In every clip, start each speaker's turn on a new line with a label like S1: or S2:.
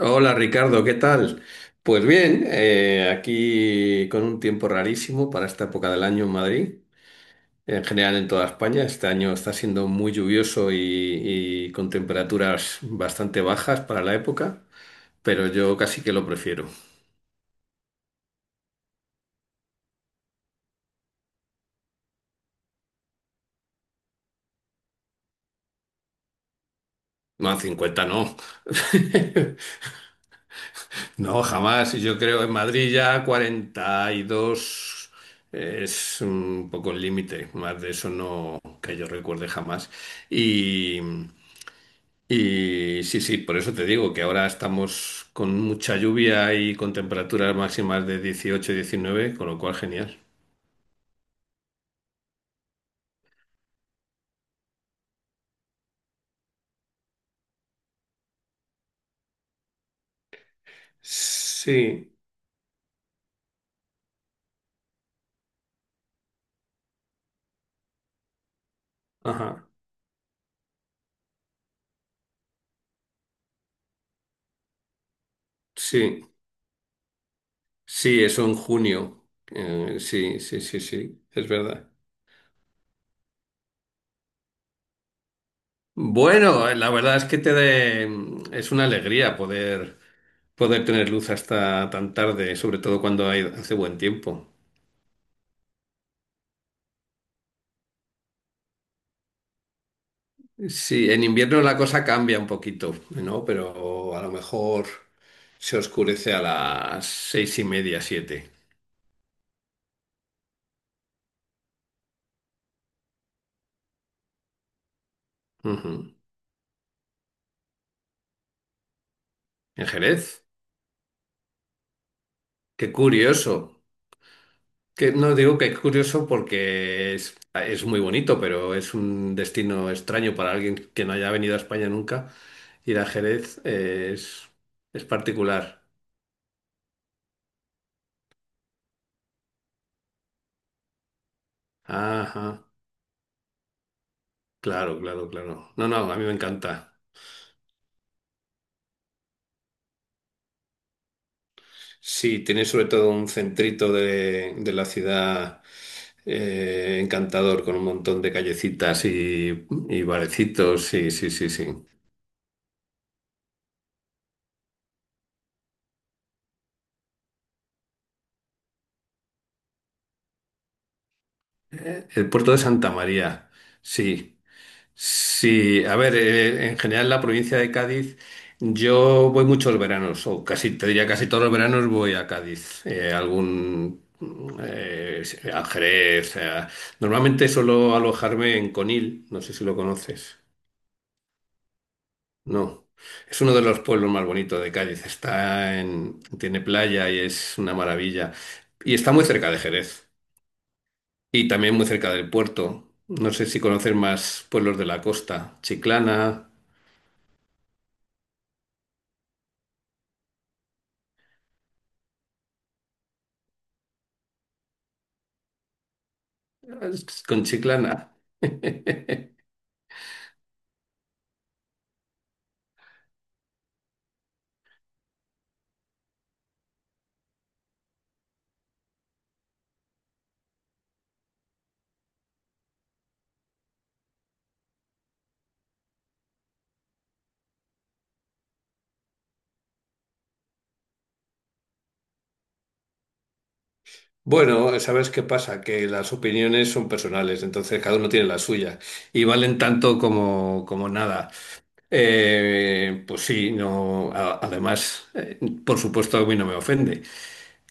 S1: Hola Ricardo, ¿qué tal? Pues bien, aquí con un tiempo rarísimo para esta época del año en Madrid, en general en toda España. Este año está siendo muy lluvioso y con temperaturas bastante bajas para la época, pero yo casi que lo prefiero. No, 50 no. No, jamás. Yo creo en Madrid ya 42 es un poco el límite, más de eso no que yo recuerde jamás. Y. Y sí, sí, por eso te digo que ahora estamos con mucha lluvia y con temperaturas máximas de 18 y 19, con lo cual genial. Sí, ajá, sí, sí, eso en junio. Sí, sí, sí, sí, es verdad. Bueno, la verdad es que es una alegría poder tener luz hasta tan tarde, sobre todo cuando hace buen tiempo. Sí, en invierno la cosa cambia un poquito, ¿no? Pero a lo mejor se oscurece a las seis y media, siete. Ujú. ¿En Jerez? Qué curioso. Que no digo que es curioso porque es muy bonito, pero es un destino extraño para alguien que no haya venido a España nunca. Ir a Jerez es particular. Ajá, claro, claro, claro. No, no, a mí me encanta. Sí, tiene sobre todo un centrito de la ciudad encantador con un montón de callecitas y barecitos. Sí, sí, sí, sí. El puerto de Santa María. Sí, sí. A ver, en general la provincia de Cádiz, yo voy muchos veranos, o casi, te diría casi todos los veranos voy a Cádiz. Algún eh, a Jerez. Normalmente suelo alojarme en Conil, no sé si lo conoces. No, es uno de los pueblos más bonitos de Cádiz. Está en, tiene playa y es una maravilla. Y está muy cerca de Jerez y también muy cerca del puerto. No sé si conocer más pueblos de la costa. Chiclana, con Chiclana. Bueno, ¿sabes qué pasa? Que las opiniones son personales, entonces cada uno tiene la suya y valen tanto como, como nada. Pues sí, no, además, por supuesto a mí no me ofende.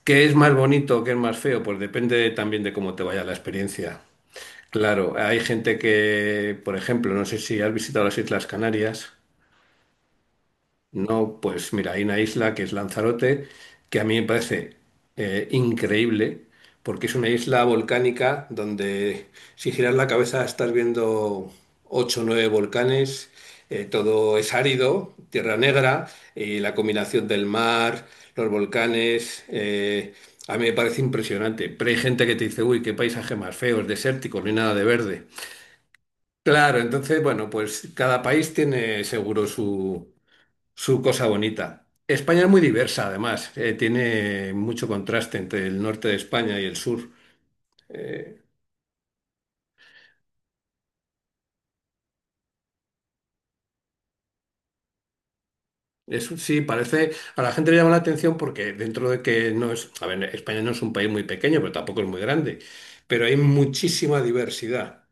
S1: ¿Qué es más bonito, qué es más feo? Pues depende también de cómo te vaya la experiencia. Claro, hay gente que, por ejemplo, no sé si has visitado las Islas Canarias. No, pues mira, hay una isla que es Lanzarote, que a mí me parece increíble, porque es una isla volcánica donde si giras la cabeza estás viendo ocho o nueve volcanes, todo es árido, tierra negra, y la combinación del mar, los volcanes, a mí me parece impresionante. Pero hay gente que te dice, uy, qué paisaje más feo, es desértico, no hay nada de verde. Claro, entonces, bueno, pues cada país tiene seguro su cosa bonita. España es muy diversa, además. Tiene mucho contraste entre el norte de España y el sur. Eh, Eso sí, parece. A la gente le llama la atención porque dentro de que no es. A ver, España no es un país muy pequeño, pero tampoco es muy grande. Pero hay muchísima diversidad.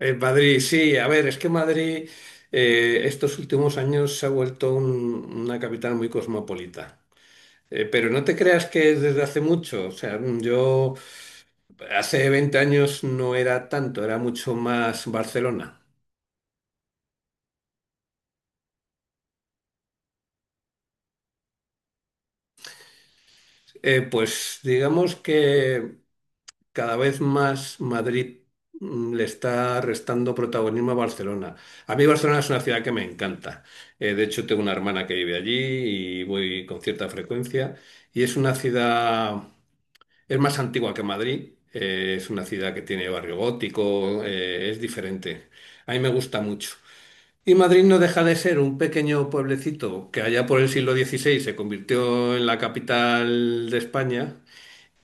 S1: En Madrid, sí, a ver, es que Madrid estos últimos años se ha vuelto una capital muy cosmopolita. Pero no te creas que es desde hace mucho. O sea, yo. Hace 20 años no era tanto, era mucho más Barcelona. Pues digamos que cada vez más Madrid le está restando protagonismo a Barcelona. A mí Barcelona es una ciudad que me encanta. De hecho, tengo una hermana que vive allí y voy con cierta frecuencia. Y es una ciudad, es más antigua que Madrid, es una ciudad que tiene barrio gótico, es diferente. A mí me gusta mucho. Y Madrid no deja de ser un pequeño pueblecito que allá por el siglo XVI se convirtió en la capital de España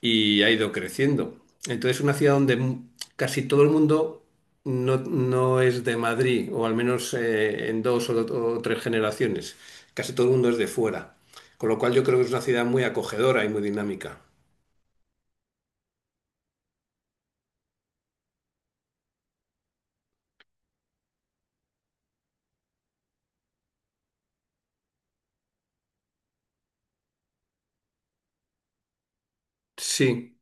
S1: y ha ido creciendo. Entonces es una ciudad donde casi todo el mundo no, no es de Madrid, o al menos en dos o tres generaciones. Casi todo el mundo es de fuera. Con lo cual yo creo que es una ciudad muy acogedora y muy dinámica. Sí.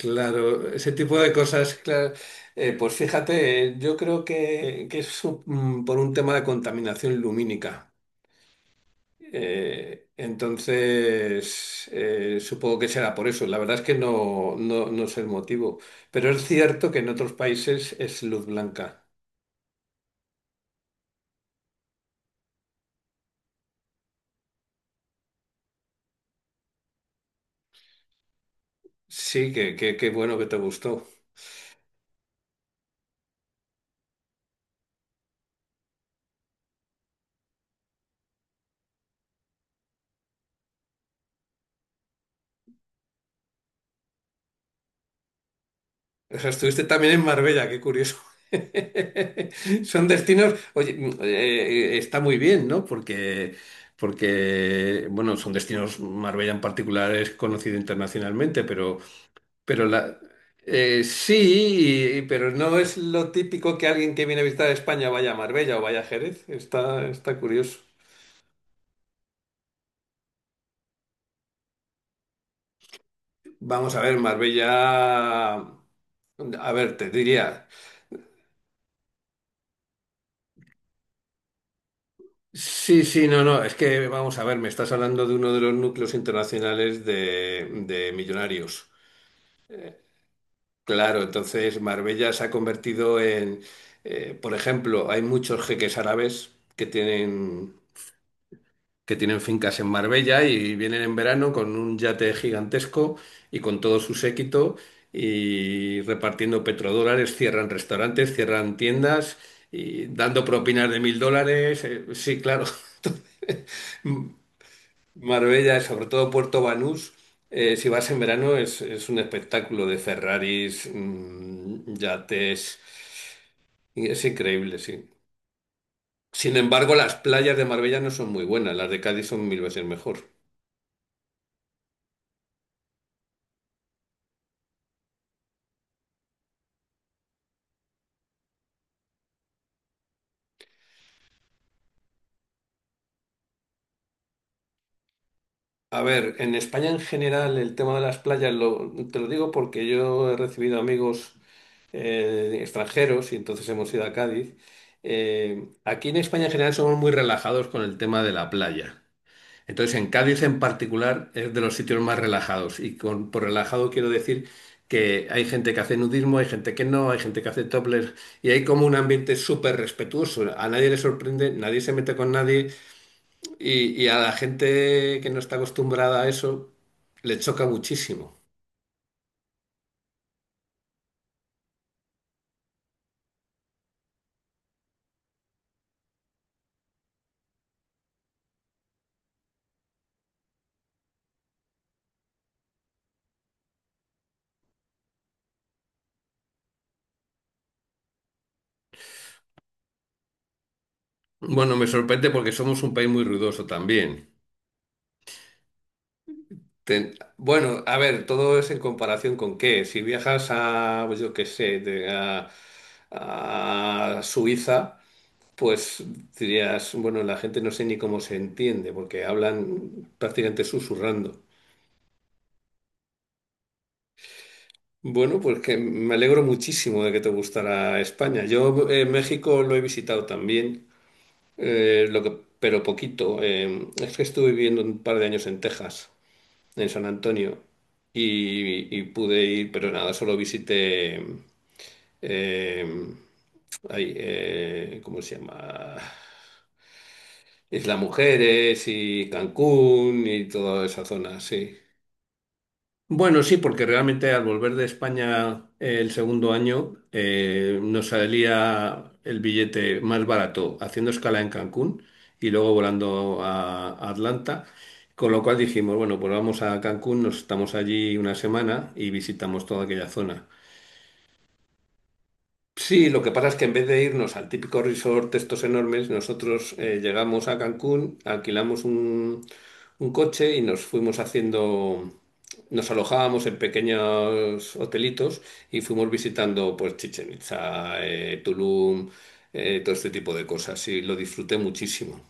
S1: Claro, ese tipo de cosas, claro. Pues fíjate, yo creo que es por un tema de contaminación lumínica. Entonces, supongo que será por eso. La verdad es que no, no, no es el motivo. Pero es cierto que en otros países es luz blanca. Sí, qué bueno que te gustó. O sea, estuviste también en Marbella, qué curioso. Son destinos, oye, está muy bien, ¿no? Porque, bueno, son destinos, Marbella en particular es conocido internacionalmente, pero la, pero no es lo típico que alguien que viene a visitar España vaya a Marbella o vaya a Jerez. Está, está curioso. Vamos a ver, Marbella, a ver, te diría. Sí, sí, no, no, es que vamos a ver, me estás hablando de uno de los núcleos internacionales de millonarios. Claro, entonces Marbella se ha convertido en, por ejemplo, hay muchos jeques árabes que tienen, fincas en Marbella y vienen en verano con un yate gigantesco y con todo su séquito y repartiendo petrodólares, cierran restaurantes, cierran tiendas y dando propinas de 1.000 dólares. Sí, claro. Marbella, sobre todo Puerto Banús, si vas en verano es un espectáculo de Ferraris, yates, y es increíble, sí. Sin embargo, las playas de Marbella no son muy buenas, las de Cádiz son mil veces mejor. A ver, en España en general el tema de las playas, te lo digo porque yo he recibido amigos extranjeros y entonces hemos ido a Cádiz. Aquí en España en general somos muy relajados con el tema de la playa. Entonces, en Cádiz en particular es de los sitios más relajados. Y con, por relajado quiero decir que hay gente que hace nudismo, hay gente que no, hay gente que hace topless. Y hay como un ambiente súper respetuoso. A nadie le sorprende, nadie se mete con nadie. Y a la gente que no está acostumbrada a eso, le choca muchísimo. Bueno, me sorprende porque somos un país muy ruidoso también. Bueno, a ver, todo es en comparación con qué. Si viajas a, pues yo qué sé, a Suiza. Pues dirías, bueno, la gente no sé ni cómo se entiende, porque hablan prácticamente susurrando. Bueno, pues que me alegro muchísimo de que te gustara España. Yo México lo he visitado también, lo que, pero poquito. Es que estuve viviendo un par de años en Texas, en San Antonio, y pude ir, pero nada, solo visité eh, ahí, ¿cómo se llama? Isla Mujeres y Cancún y toda esa zona, sí. Bueno, sí, porque realmente al volver de España el segundo año nos salía el billete más barato haciendo escala en Cancún y luego volando a Atlanta, con lo cual dijimos, bueno, pues vamos a Cancún, nos estamos allí una semana y visitamos toda aquella zona. Sí, lo que pasa es que en vez de irnos al típico resort de estos enormes, nosotros llegamos a Cancún, alquilamos un coche y nos fuimos haciendo, nos alojábamos en pequeños hotelitos y fuimos visitando pues Chichén Itzá, Tulum, todo este tipo de cosas y lo disfruté muchísimo.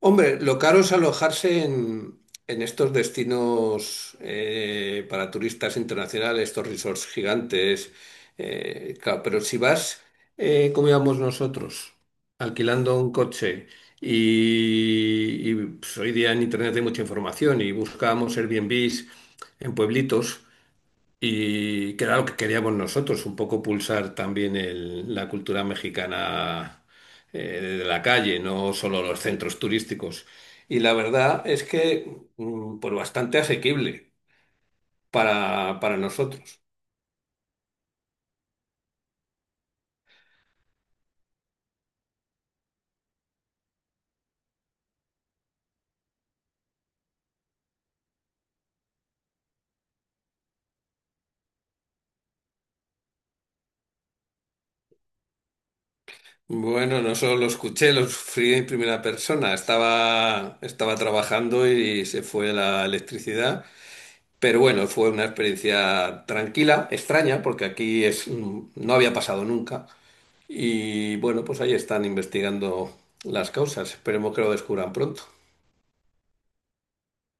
S1: Hombre, lo caro es alojarse en estos destinos para turistas internacionales, estos resorts gigantes. Claro, pero si vas, como íbamos nosotros, alquilando un coche pues, hoy día en Internet hay mucha información y buscábamos Airbnbs en pueblitos. Y que era lo que queríamos nosotros, un poco pulsar también la cultura mexicana eh, de la calle, no solo los centros turísticos. Y la verdad es que, pues bastante asequible para nosotros. Bueno, no solo lo escuché, lo sufrí en primera persona. Estaba trabajando y se fue la electricidad. Pero bueno, fue una experiencia tranquila, extraña, porque aquí es, no había pasado nunca. Y bueno, pues ahí están investigando las causas. Esperemos que lo descubran pronto.